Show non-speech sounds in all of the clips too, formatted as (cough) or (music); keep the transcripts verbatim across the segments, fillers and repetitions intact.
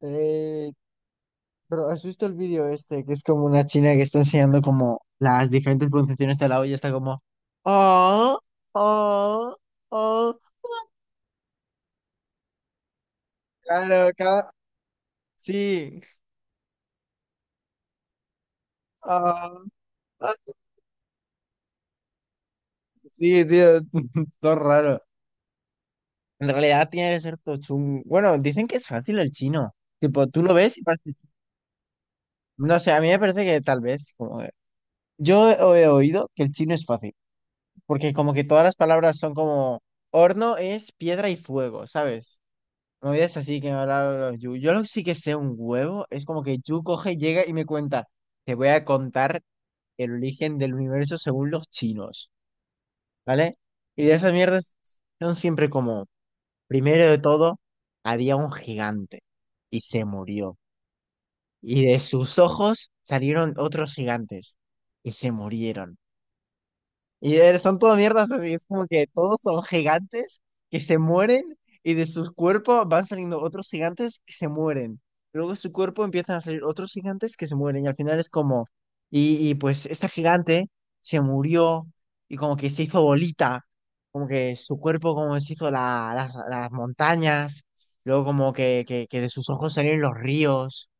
Eh, pero ¿has visto el vídeo este? Que es como una china que está enseñando como las diferentes pronunciaciones de la O y está como... Oh, oh, oh. Claro, cada... Sí. Ah, ah, sí, tío. (laughs) Todo raro. En realidad tiene que ser todo chungo. Bueno, dicen que es fácil el chino. Tipo, tú lo ves y parece... No sé, a mí me parece que tal vez... Como... Yo he oído que el chino es fácil, porque como que todas las palabras son como horno es piedra y fuego, ¿sabes? Movidas así que me hablaba Yu. Yo lo que sí que sé un huevo es como que Yu coge, llega y me cuenta, te voy a contar el origen del universo según los chinos, ¿vale? Y de esas mierdas son siempre como, primero de todo, había un gigante y se murió. Y de sus ojos salieron otros gigantes y se murieron. Y eh, son todo mierdas así, es como que todos son gigantes que se mueren y de sus cuerpos van saliendo otros gigantes que se mueren. Luego de su cuerpo empiezan a salir otros gigantes que se mueren y al final es como, y, y pues esta gigante se murió y como que se hizo bolita, como que su cuerpo como se hizo la- las, las montañas, luego como que, que, que de sus ojos salieron los ríos,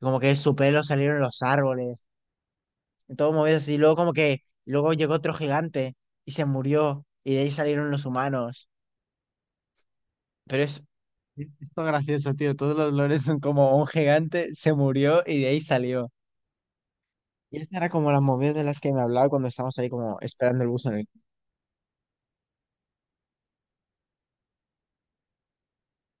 como que de su pelo salieron los árboles, todo movido así. Luego como que, luego llegó otro gigante y se murió y de ahí salieron los humanos. Pero es esto gracioso, tío. Todos los lores son como un gigante se murió y de ahí salió. Y esta era como la movida de las que me hablaba cuando estábamos ahí como esperando el bus en el...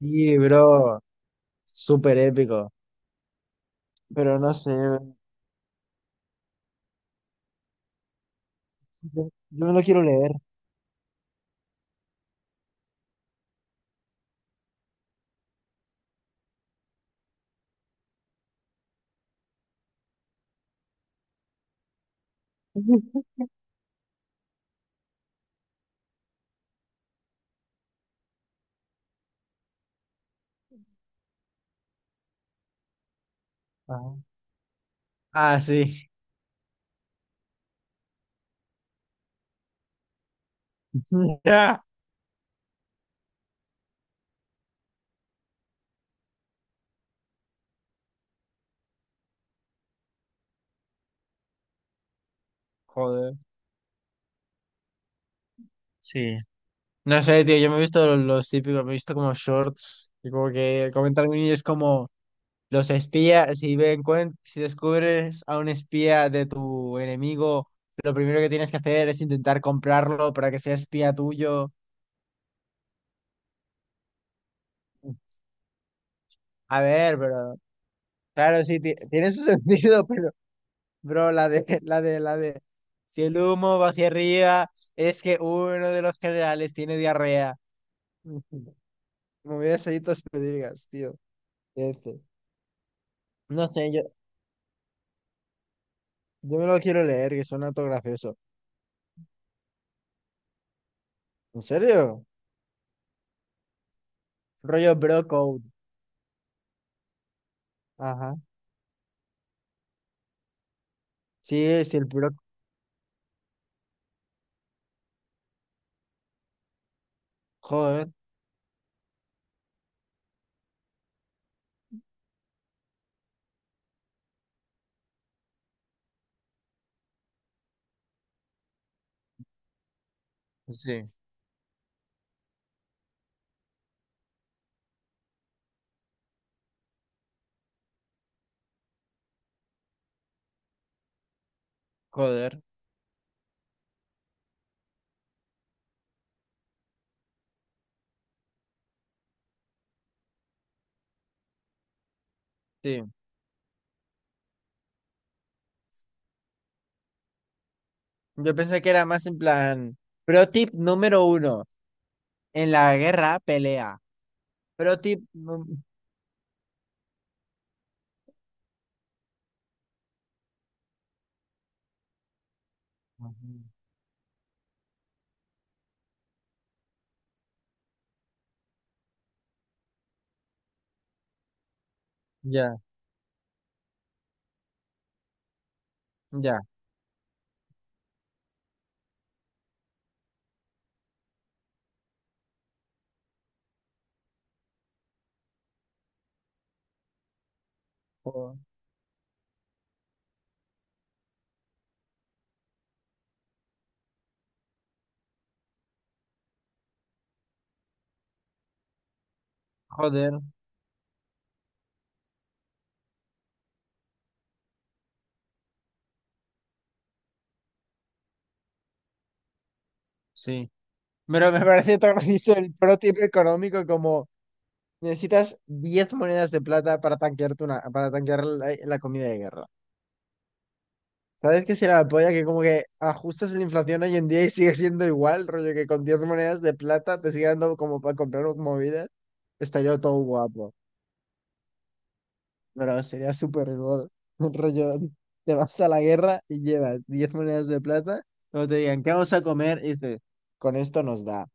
Sí, bro, súper épico. Pero no sé, yo, yo me lo quiero leer. Ajá. Ah, sí. (laughs) Joder. Sí. No sé, tío, yo me he visto los, los típicos, me he visto como shorts, y como que comentan y es como, los espías, si ven, cuen- si descubres a un espía de tu enemigo, lo primero que tienes que hacer es intentar comprarlo para que sea espía tuyo. A ver, pero claro, sí, ti- tiene su (laughs) sentido, pero, bro, la de, la de, la de, si el humo va hacia arriba, es que uno de los generales tiene diarrea. (laughs) Me hubieras ahí tus pedigas, tío. Este. No sé, yo, yo me lo quiero leer, que suena todo gracioso. ¿En serio? Rollo bro code. Ajá. Sí, es el Brock. Joder, sí. joder. Sí. Yo pensé que era más en plan. Pro tip número uno. En la guerra, pelea. Pro tip num- ujú. Ya, ya. jo- Joder, sí. Pero me (laughs) parece tan gracioso el pro tip económico como, necesitas diez monedas de plata para tanquearte una, para tanquear la la comida de guerra. ¿Sabes qué será la polla? Que como que ajustas la inflación hoy en día y sigue siendo igual, rollo que con diez monedas de plata te sigue dando como para comprar movidas. Estaría todo guapo, pero sería súper god. (laughs) Un Rollo, te vas a la guerra y llevas diez monedas de plata, luego te digan, ¿qué vamos a comer? Y dices, con esto nos da.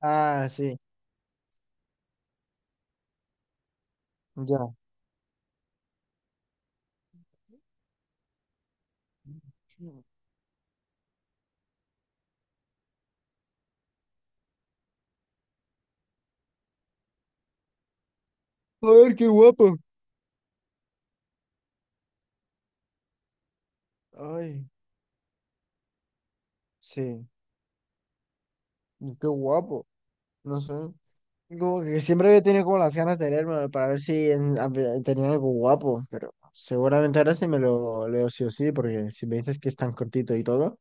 Ah, sí, ya. A ver, qué guapo. Ay, sí, qué guapo. No sé. Como que siempre había tenido como las ganas de leérmelo para ver si en- a tenía algo guapo, pero seguramente ahora sí me lo leo sí o sí, porque si me dices que es tan cortito y todo.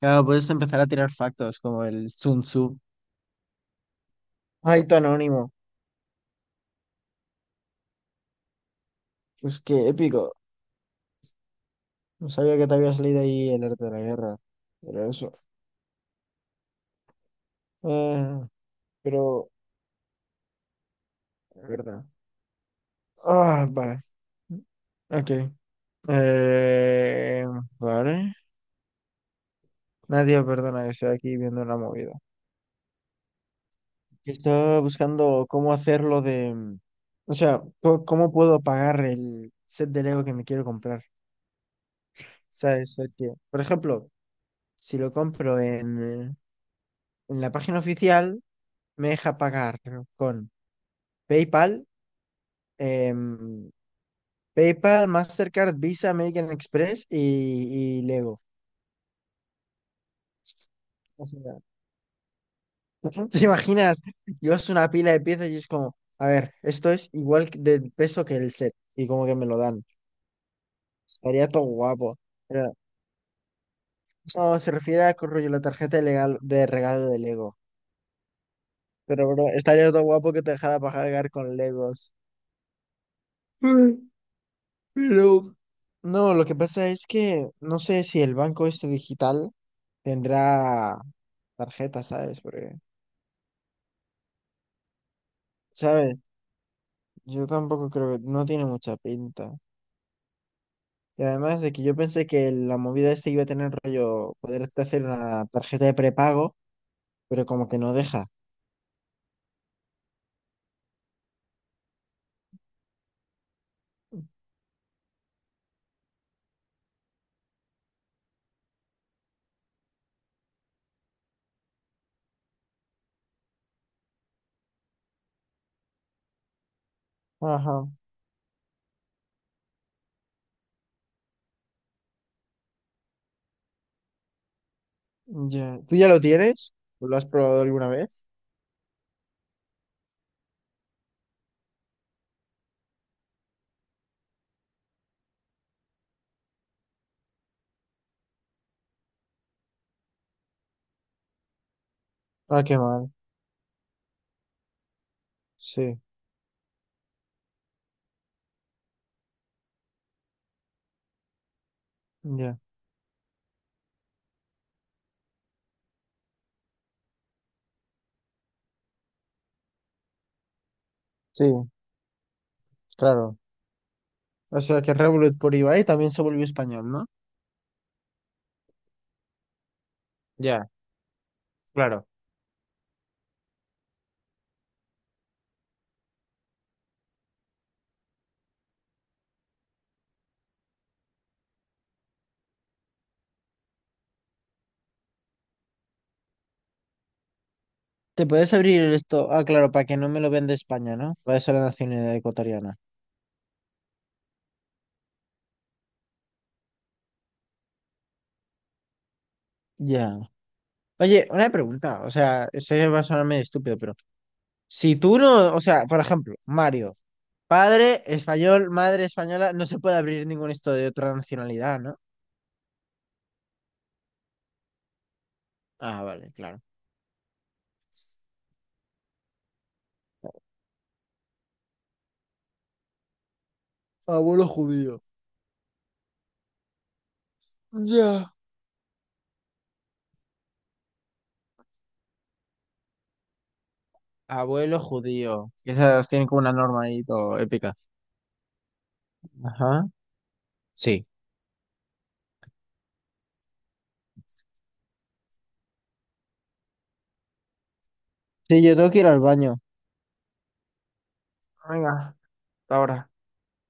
Claro, puedes empezar a tirar factos como el Sun Tzu. Ay, tu anónimo. Pues qué épico. No sabía que te habías leído ahí el arte de la guerra. Pero eso. Eh, pero, es verdad. Ah, vale. Ok. Eh, vale. Nadie, perdona, que estoy aquí viendo una movida, que estaba buscando cómo hacerlo de, mm, o sea, co- cómo puedo pagar el set de Lego que me quiero comprar. ¿Sabes? El que, por ejemplo, si lo compro en, eh, en la página oficial, me deja pagar con PayPal, em, PayPal, Mastercard, Visa, American Express y, y Lego. O sea, (laughs) ¿te imaginas? Llevas una pila de piezas y es como, a ver, esto es igual de peso que el set y como que me lo dan. Estaría todo guapo. No, se refiere a que rollo la tarjeta de, legal, de regalo de Lego. Pero, bro, estaría todo guapo que te dejara pagar con Legos. Mm, Pero, no, lo que pasa es que no sé si el banco este digital tendrá tarjeta, ¿sabes? Porque, ¿sabes? Yo tampoco creo, que no tiene mucha pinta. Y además de que yo pensé que la movida este iba a tener rollo, poderte hacer una tarjeta de prepago, pero como que no deja. Ajá, ya. ¿Tú ya lo tienes? ¿Lo has probado alguna vez? Ah, qué mal. Sí, ya. Sí, claro. O sea que Revolut por Ibai también se volvió español, ¿no? Ya, claro. ¿Te puedes abrir esto? Ah, claro, para que no me lo venda España, ¿no? Va a ser la nacionalidad ecuatoriana. Ya. Oye, una pregunta. O sea, esto ya va a sonar medio estúpido, pero si tú no, o sea, por ejemplo, Mario, padre español, madre española, no se puede abrir ningún esto de otra nacionalidad, ¿no? Ah, vale, claro. Abuelo judío. Ya. Abuelo judío. Esas tienen como una norma ahí todo épica. Ajá. Sí. Sí, yo tengo que ir al baño. Venga, hasta ahora.